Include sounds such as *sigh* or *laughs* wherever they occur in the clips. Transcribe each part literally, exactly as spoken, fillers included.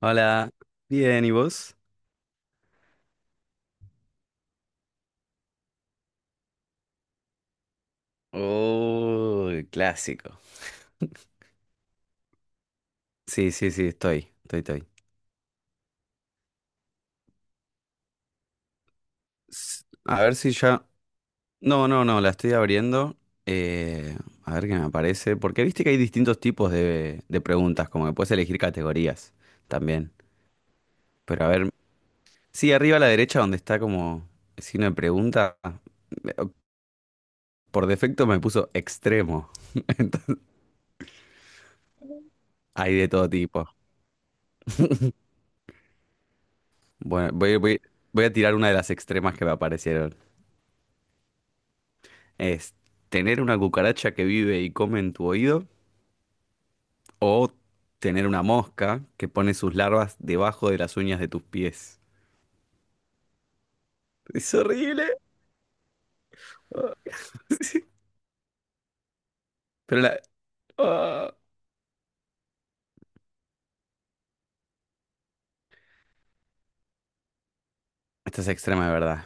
Hola, bien, ¿y vos? Oh, clásico. Sí, sí, sí, estoy, estoy, estoy. S- A ver si ya... No, no, no, la estoy abriendo. eh, a ver qué me aparece. Porque viste que hay distintos tipos de, de preguntas, como que puedes elegir categorías también. Pero a ver, sí, arriba a la derecha donde está como el signo de pregunta, eh, por defecto me puso extremo. Hay de todo tipo. Bueno, voy, voy, voy a tirar una de las extremas que me aparecieron. es tener una cucaracha que vive y come en tu oído o tener una mosca que pone sus larvas debajo de las uñas de tus pies. Es horrible. *laughs* Ah, sí. Pero la... ah. Esta es extrema de verdad.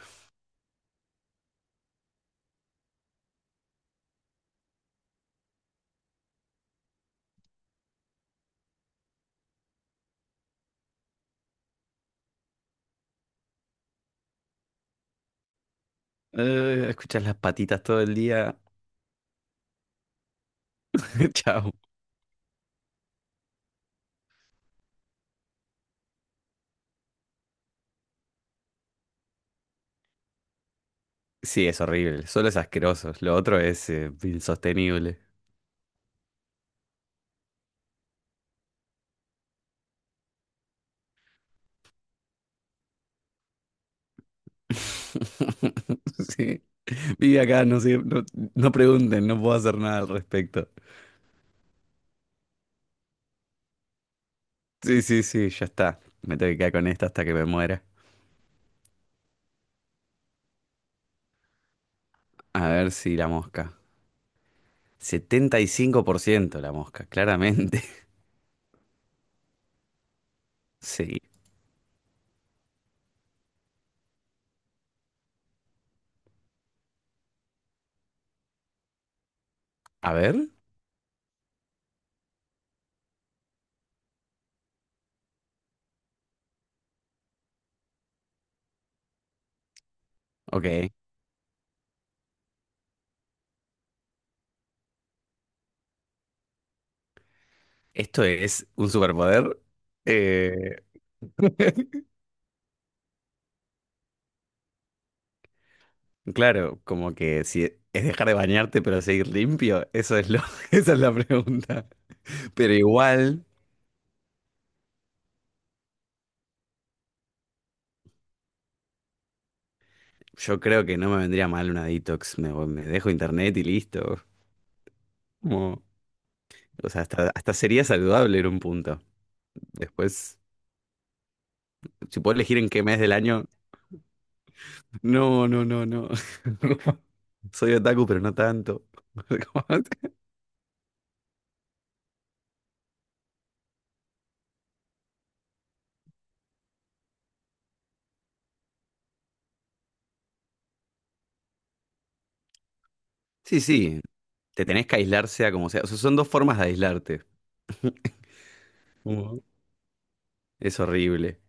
Eh, escuchas las patitas todo el día. *laughs* Chao. Sí, es horrible. Solo es asqueroso. Lo otro es eh, insostenible. *laughs* Sí. Vive acá, no sé, no, no pregunten, no puedo hacer nada al respecto. Sí, sí, sí, ya está. Me tengo que quedar con esta hasta que me muera. A ver si la mosca. setenta y cinco por ciento la mosca, claramente. *laughs* Sí. A ver. Ok. Esto es un superpoder. Eh, *laughs* Claro, como que si es dejar de bañarte pero seguir limpio, eso es lo, *laughs* esa es la pregunta. Pero igual, yo creo que no me vendría mal una detox. Me, voy- me dejo internet y listo. Como, o sea, hasta, hasta sería saludable en un punto. Después. Si puedo elegir en qué mes del año. No, no, no, no. *laughs* Soy otaku, pero no tanto. *laughs* Como- Sí, sí. Te tenés que aislar sea como sea. O sea, son dos formas de aislarte. Como- Es horrible.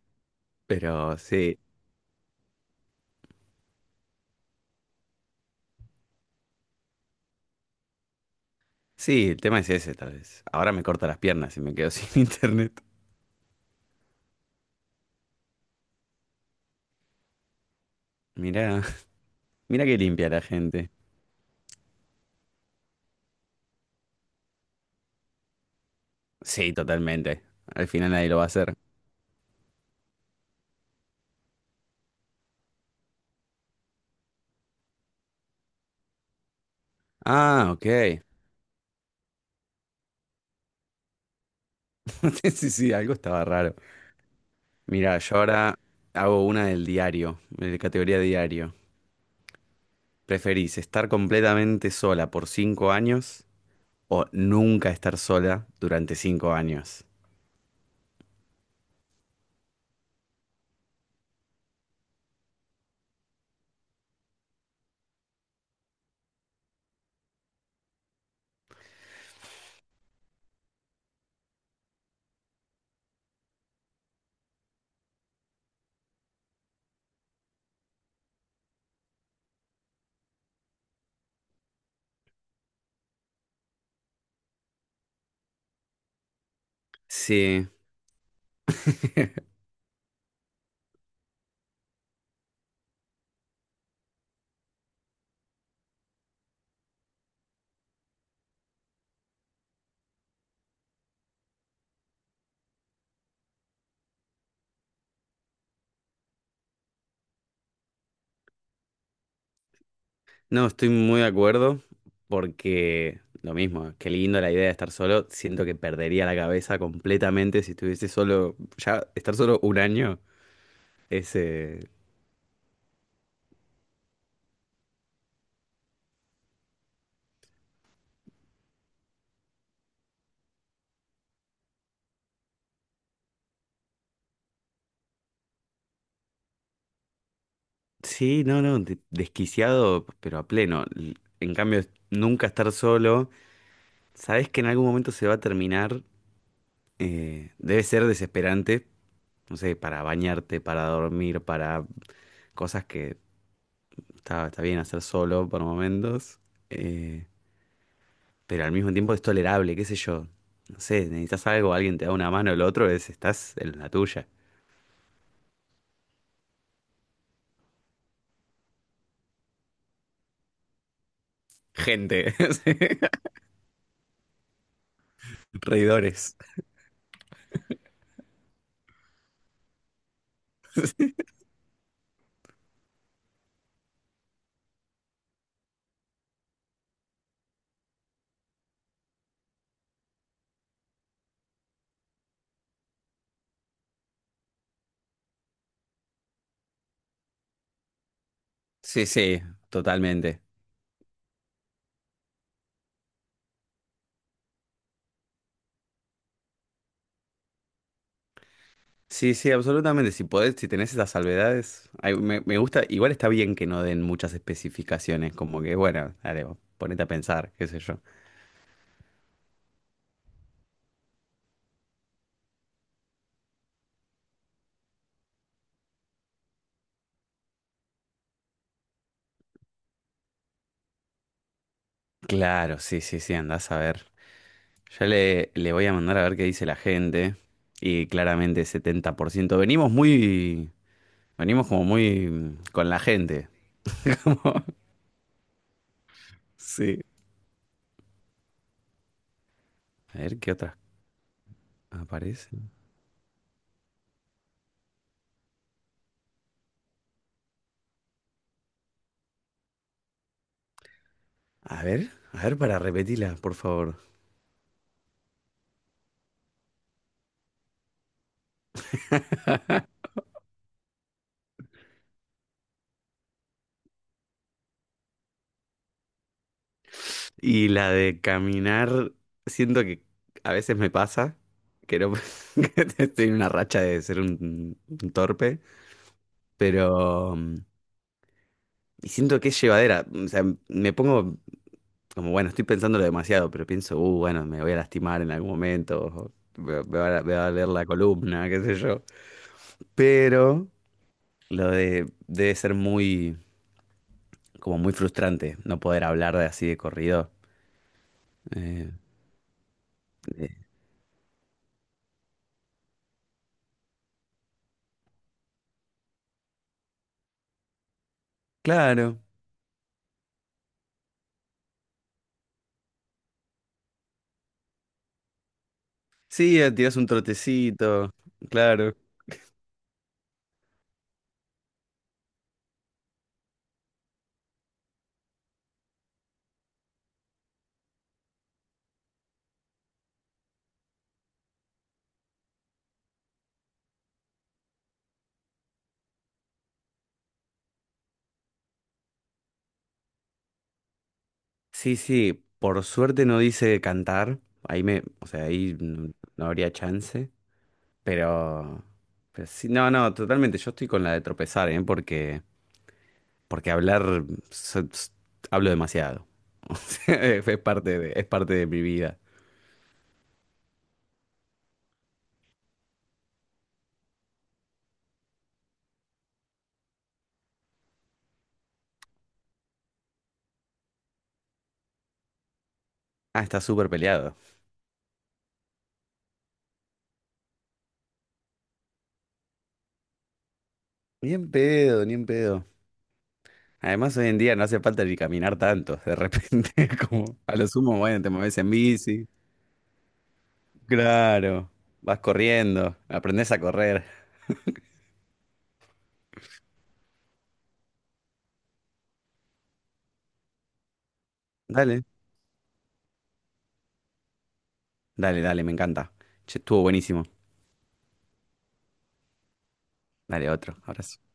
Pero sí. Sí, el tema es ese, tal vez. Ahora me corta las piernas y me quedo *laughs* sin internet. Mirá, mirá que limpia la gente. Sí, totalmente. Al final nadie lo va a hacer. Ah, ok. *laughs* Sí, sí, algo estaba raro. Mira, yo ahora hago una del diario, de categoría diario. ¿Preferís estar completamente sola por cinco años o nunca estar sola durante cinco años? Sí, *laughs* no, estoy muy de acuerdo porque lo mismo, qué lindo la idea de estar solo, siento que perdería la cabeza completamente si estuviese solo, ya estar solo un año es... eh, Sí, no, no, de- desquiciado, pero a pleno. L- En cambio, nunca estar solo, sabes que en algún momento se va a terminar, eh, debe ser desesperante no sé, para bañarte, para dormir, para cosas que está, está bien hacer solo por momentos, eh, pero al mismo tiempo es tolerable, qué sé yo. No sé, necesitas algo, alguien te da una mano, el otro es, estás en la tuya. Gente, *laughs* sí, reidores. Sí, sí, totalmente. Sí, sí, absolutamente. Si podés, si tenés esas salvedades, ay, me, me gusta, igual está bien que no den muchas especificaciones, como que, bueno, dale, vos ponete a pensar, qué sé yo. Claro, sí, sí, sí, andás a ver. Ya le, le voy a mandar a ver qué dice la gente. Y claramente setenta por ciento Venimos muy. Venimos como muy mm, con la gente. *laughs* Como- sí. A ver qué otras aparecen. A ver, a ver para repetirla, por favor. Y la de caminar. Siento que a veces me pasa. Que no. *laughs* que estoy en una racha de ser un, un torpe. Pero. mm, Y siento que es llevadera. O sea, me pongo como bueno, estoy pensándolo demasiado, pero pienso, uh, bueno, me voy a lastimar en algún momento, o me, me va a, me va a doler la columna, qué sé yo. Pero lo de debe ser muy, como muy frustrante no poder hablar de así de corrido. Eh, de- claro, sí, eh, tirás un trotecito, claro. Sí, sí, por suerte no dice cantar, ahí me, o sea, ahí no, no habría chance, pero, pero sí, no, no, totalmente, yo estoy con la de tropezar, ¿eh? Porque... Porque hablar, so- s- hablo demasiado. *laughs* O sea, Es es parte de, es parte de mi vida. Ah, está súper peleado. Ni en pedo, ni en pedo. Además, hoy en día no hace falta ni caminar tanto. De repente, *laughs* como a lo sumo, bueno, te mueves en bici. Claro, vas corriendo, aprendes a correr. Dale, dale, dale, me encanta. Che, estuvo buenísimo. Dale, otro. Ahora sí.